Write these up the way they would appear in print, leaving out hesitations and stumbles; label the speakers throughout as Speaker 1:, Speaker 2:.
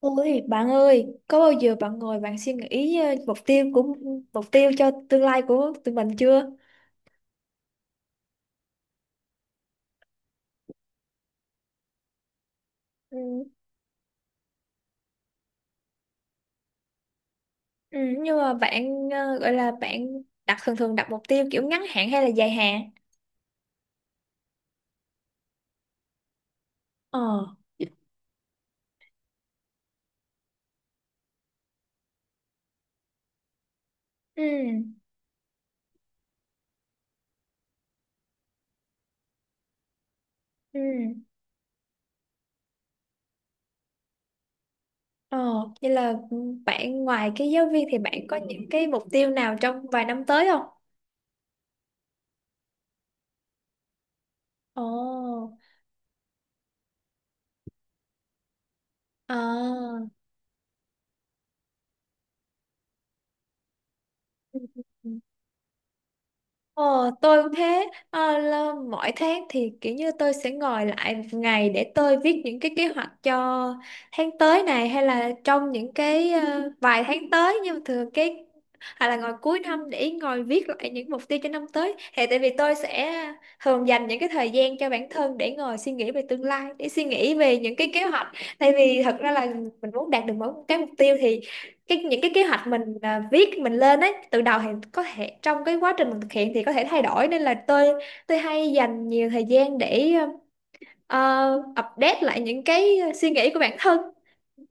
Speaker 1: Ôi bạn ơi, có bao giờ bạn ngồi bạn suy nghĩ mục tiêu mục tiêu cho tương lai của tụi mình chưa? Ừ, ừ, nhưng mà bạn gọi là bạn đặt thường thường đặt mục tiêu kiểu ngắn hạn hay là dài hạn? Ờ, ừ, ừ, ờ, vậy là ừ, bạn ngoài cái giáo viên thì bạn có những cái mục tiêu nào trong vài năm tới không? Ồ, à, Ờ, tôi cũng thế. Ờ, là mỗi tháng thì kiểu như tôi sẽ ngồi lại một ngày để tôi viết những cái kế hoạch cho tháng tới này, hay là trong những cái vài tháng tới, nhưng mà thường cái hay là ngồi cuối năm để ngồi viết lại những mục tiêu cho năm tới, thì tại vì tôi sẽ thường dành những cái thời gian cho bản thân để ngồi suy nghĩ về tương lai, để suy nghĩ về những cái kế hoạch. Tại vì thật ra là mình muốn đạt được mỗi một cái mục tiêu thì cái những cái kế hoạch mình viết mình lên ấy từ đầu thì có thể trong cái quá trình mình thực hiện thì có thể thay đổi, nên là tôi hay dành nhiều thời gian để update lại những cái suy nghĩ của bản thân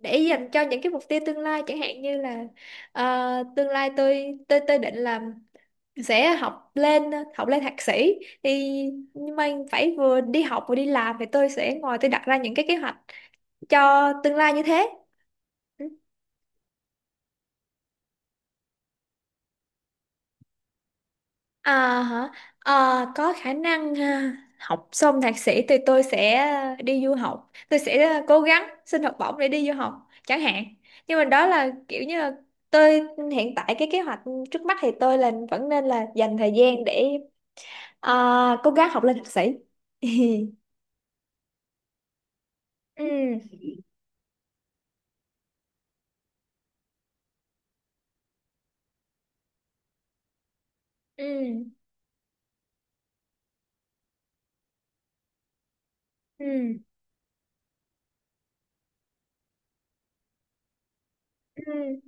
Speaker 1: để dành cho những cái mục tiêu tương lai, chẳng hạn như là ờ, tương lai tôi định là sẽ học lên thạc sĩ thì nhưng mà phải vừa đi học vừa đi làm, thì tôi sẽ ngồi tôi đặt ra những cái kế hoạch cho tương lai như thế. Ừ. À, hả? Ờ, có khả năng ha. Học xong thạc sĩ thì tôi sẽ đi du học, tôi sẽ cố gắng xin học bổng để đi du học chẳng hạn, nhưng mà đó là kiểu như là tôi hiện tại cái kế hoạch trước mắt thì tôi là vẫn nên là dành thời gian để cố gắng học lên thạc sĩ. Ừ, ừ, ừ, ừ, ừ,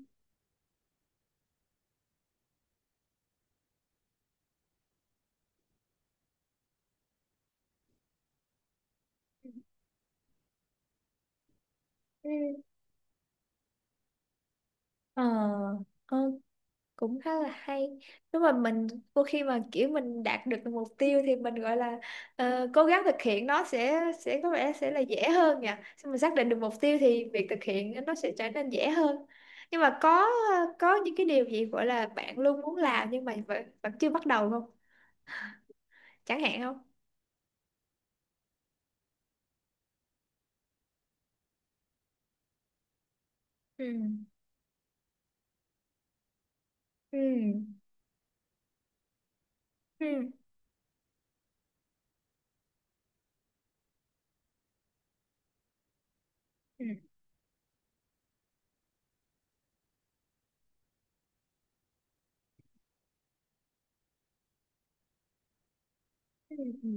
Speaker 1: ừ. ờ ok, cũng khá là hay. Nếu mà mình đôi khi mà kiểu mình đạt được mục tiêu thì mình gọi là cố gắng thực hiện, nó sẽ có vẻ sẽ là dễ hơn nhỉ. Khi mình xác định được mục tiêu thì việc thực hiện nó sẽ trở nên dễ hơn, nhưng mà có những cái điều gì gọi là bạn luôn muốn làm nhưng mà vẫn chưa bắt đầu không, chẳng hạn không? Ừ. Ừ, ừ. Ừ. Ừ. Ừ.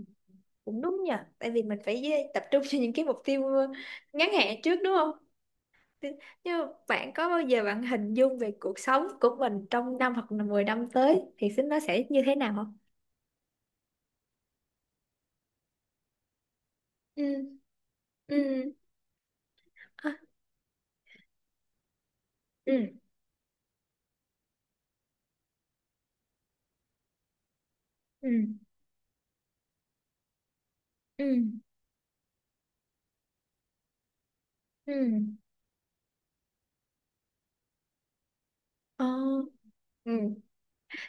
Speaker 1: Cũng đúng nhỉ. Tại vì mình phải tập trung cho những cái mục tiêu ngắn hạn trước, đúng không? Thế- Nhưng mà bạn có bao giờ bạn hình dung về cuộc sống của mình trong năm hoặc là 10 năm tới thì xin nó sẽ như thế nào không? Ừ, ừ, à, ừ, ừ, ừ, ừ, ờ, ừ.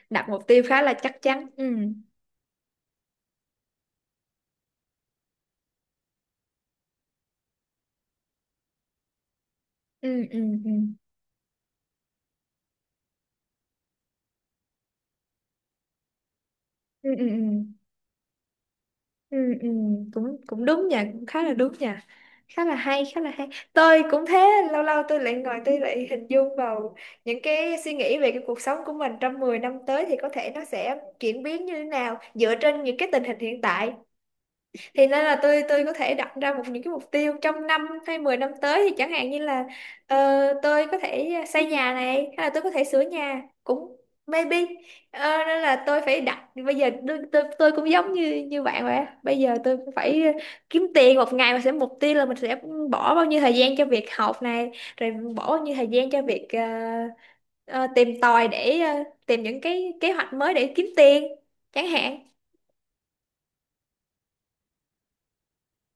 Speaker 1: Đặt mục tiêu khá là chắc chắn. Ừ, ừ, ừ, ừ, ừ, ừ. Ừ. Ừ, ừ, cũng cũng đúng nha, cũng khá là đúng nha, khá là hay, tôi cũng thế. Lâu lâu tôi lại ngồi tôi lại hình dung vào những cái suy nghĩ về cái cuộc sống của mình trong 10 năm tới, thì có thể nó sẽ chuyển biến như thế nào dựa trên những cái tình hình hiện tại, thì nên là tôi có thể đặt ra một những cái mục tiêu trong năm hay 10 năm tới, thì chẳng hạn như là ờ, tôi có thể xây nhà này, hay là tôi có thể sửa nhà cũng maybe. Ờ, nên là tôi phải đặt bây giờ tôi cũng giống như như bạn vậy á. Bây giờ tôi cũng phải kiếm tiền một ngày mà sẽ mục tiêu là mình sẽ bỏ bao nhiêu thời gian cho việc học này, rồi bỏ bao nhiêu thời gian cho việc ờ, tìm tòi để tìm những cái kế hoạch mới để kiếm tiền chẳng hạn.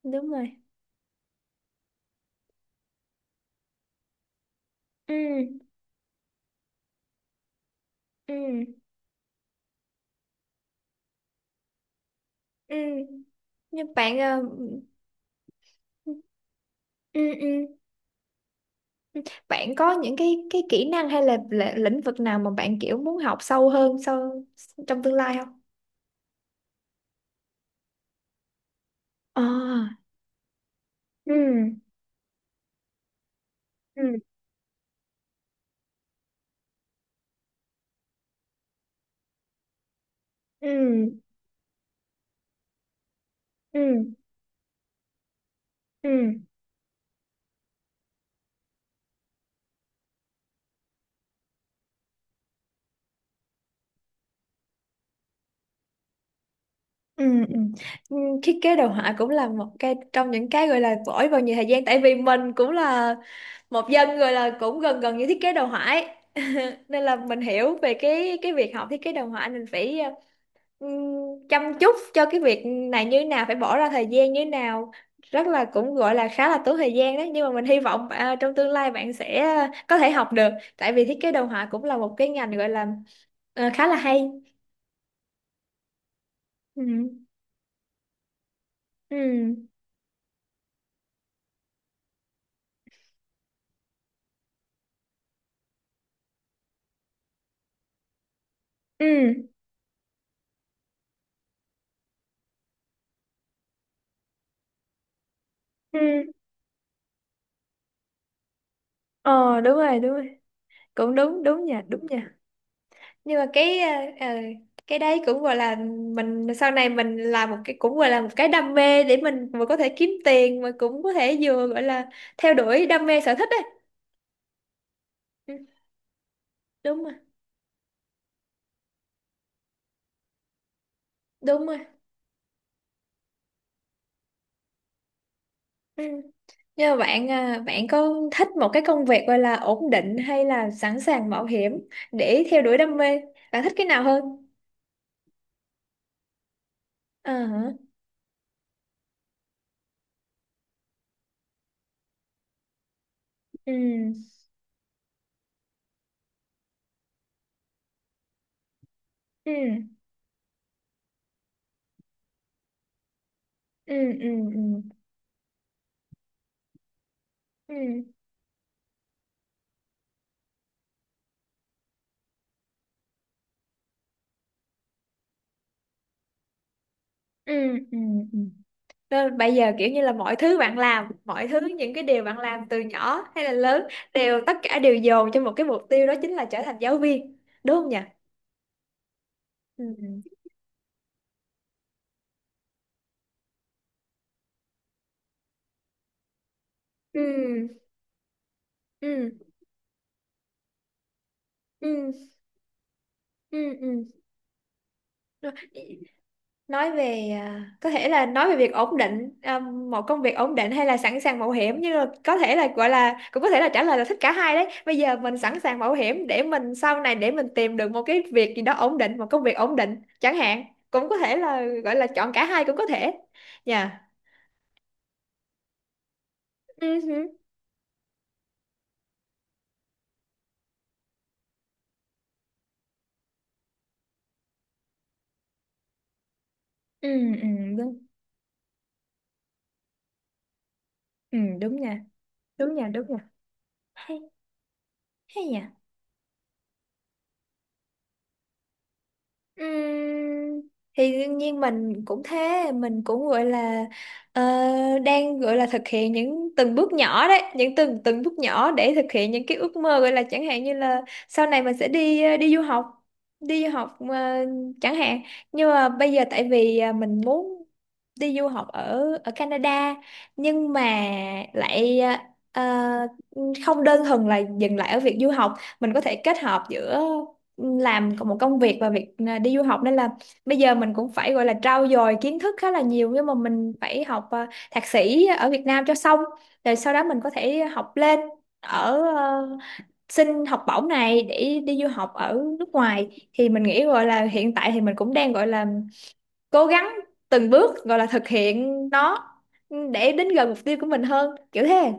Speaker 1: Đúng rồi, ừ, ừ, ừ. Nhưng bạn ờ, ừ, ừ. Ừ. Bạn có những cái kỹ năng hay là lĩnh vực nào mà bạn kiểu muốn học sâu hơn sau trong tương lai không? À. Ừ. Ừ. Ừ. Ừ. Ừ. Ừ. Ừ. Ừ, thiết kế đồ họa cũng là một cái trong những cái gọi là vỗi vào nhiều thời gian, tại vì mình cũng là một dân gọi là cũng gần gần như thiết kế đồ họa ấy. Nên là mình hiểu về cái việc học thiết kế đồ họa, mình phải ừm, chăm chút cho cái việc này như nào, phải bỏ ra thời gian như nào, rất là cũng gọi là khá là tốn thời gian đấy. Nhưng mà mình hy vọng trong tương lai bạn sẽ có thể học được, tại vì thiết kế đồ họa cũng là một cái ngành gọi là khá là hay. Ừ, ừ, ừ, ừ. Ờ, đúng rồi, cũng đúng, đúng nha, đúng nha. Nhưng mà cái ờ, cái đấy cũng gọi là mình sau này mình làm một cái cũng gọi là một cái đam mê, để mình vừa có thể kiếm tiền mà cũng có thể vừa gọi là theo đuổi đam mê sở thích đấy. Ừ, đúng rồi, đúng rồi ừ. Nhưng mà bạn có thích một cái công việc gọi là ổn định hay là sẵn sàng mạo hiểm để theo đuổi đam mê, bạn thích cái nào hơn? Ờ hả? Ừ, ừ, ừ, ừ, ừ, ừ, ừ, ừ, ừ. Đó, bây giờ kiểu như là mọi thứ bạn làm, mọi thứ những cái điều bạn làm từ nhỏ hay là lớn, đều tất cả đều dồn cho một cái mục tiêu đó, chính là trở thành giáo viên, đúng không nhỉ? Ừ, ừ, ừ, ừ, ừ, ừ. Ừ. Rồi, nói về có thể là nói về việc ổn định, một công việc ổn định hay là sẵn sàng mạo hiểm, nhưng mà có thể là gọi là cũng có thể là trả lời là thích cả hai đấy. Bây giờ mình sẵn sàng mạo hiểm để mình sau này để mình tìm được một cái việc gì đó ổn định, một công việc ổn định chẳng hạn, cũng có thể là gọi là chọn cả hai cũng có thể. Dạ, ừ, ừ, ừ, ừ, đúng. Ừ, đúng nha. Đúng nha, hay, hay nhỉ. Ừm, thì đương nhiên mình cũng thế, mình cũng gọi là ờ, đang gọi là thực hiện những từng bước nhỏ đấy, những từng từng bước nhỏ để thực hiện những cái ước mơ, gọi là chẳng hạn như là sau này mình sẽ đi du học, đi du học ờ, chẳng hạn. Nhưng mà bây giờ tại vì mình muốn đi du học ở ở Canada, nhưng mà lại ờ, không đơn thuần là dừng lại ở việc du học, mình có thể kết hợp giữa làm còn một công việc và việc đi du học. Nên là bây giờ mình cũng phải gọi là trau dồi kiến thức khá là nhiều, nhưng mà mình phải học thạc sĩ ở Việt Nam cho xong, rồi sau đó mình có thể học lên ở xin học bổng này để đi du học ở nước ngoài, thì mình nghĩ gọi là hiện tại thì mình cũng đang gọi là cố gắng từng bước gọi là thực hiện nó để đến gần mục tiêu của mình hơn, kiểu thế.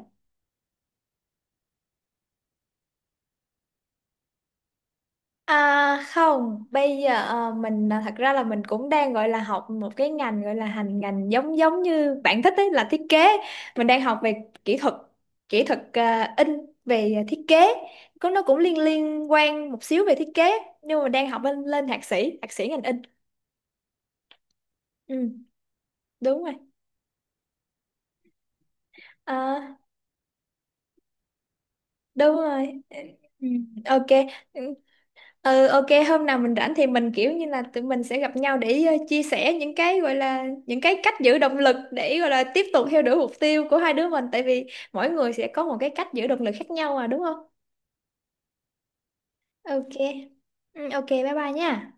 Speaker 1: À, không, bây giờ thật ra là mình cũng đang gọi là học một cái ngành, gọi là hành ngành giống giống như bạn thích ấy, là thiết kế. Mình đang học về kỹ thuật, kỹ thuật in, về thiết kế. Có nó cũng liên liên quan một xíu về thiết kế, nhưng mà đang học lên lên thạc sĩ ngành in. Ừ, đúng rồi. À, đúng rồi. Ừ, ừ, ok. Ừ, ok, hôm nào mình rảnh thì mình kiểu như là tụi mình sẽ gặp nhau để chia sẻ những cái gọi là những cái cách giữ động lực để gọi là tiếp tục theo đuổi mục tiêu của hai đứa mình, tại vì mỗi người sẽ có một cái cách giữ động lực khác nhau mà, đúng không? Ok. Ừ, ok, bye bye nha.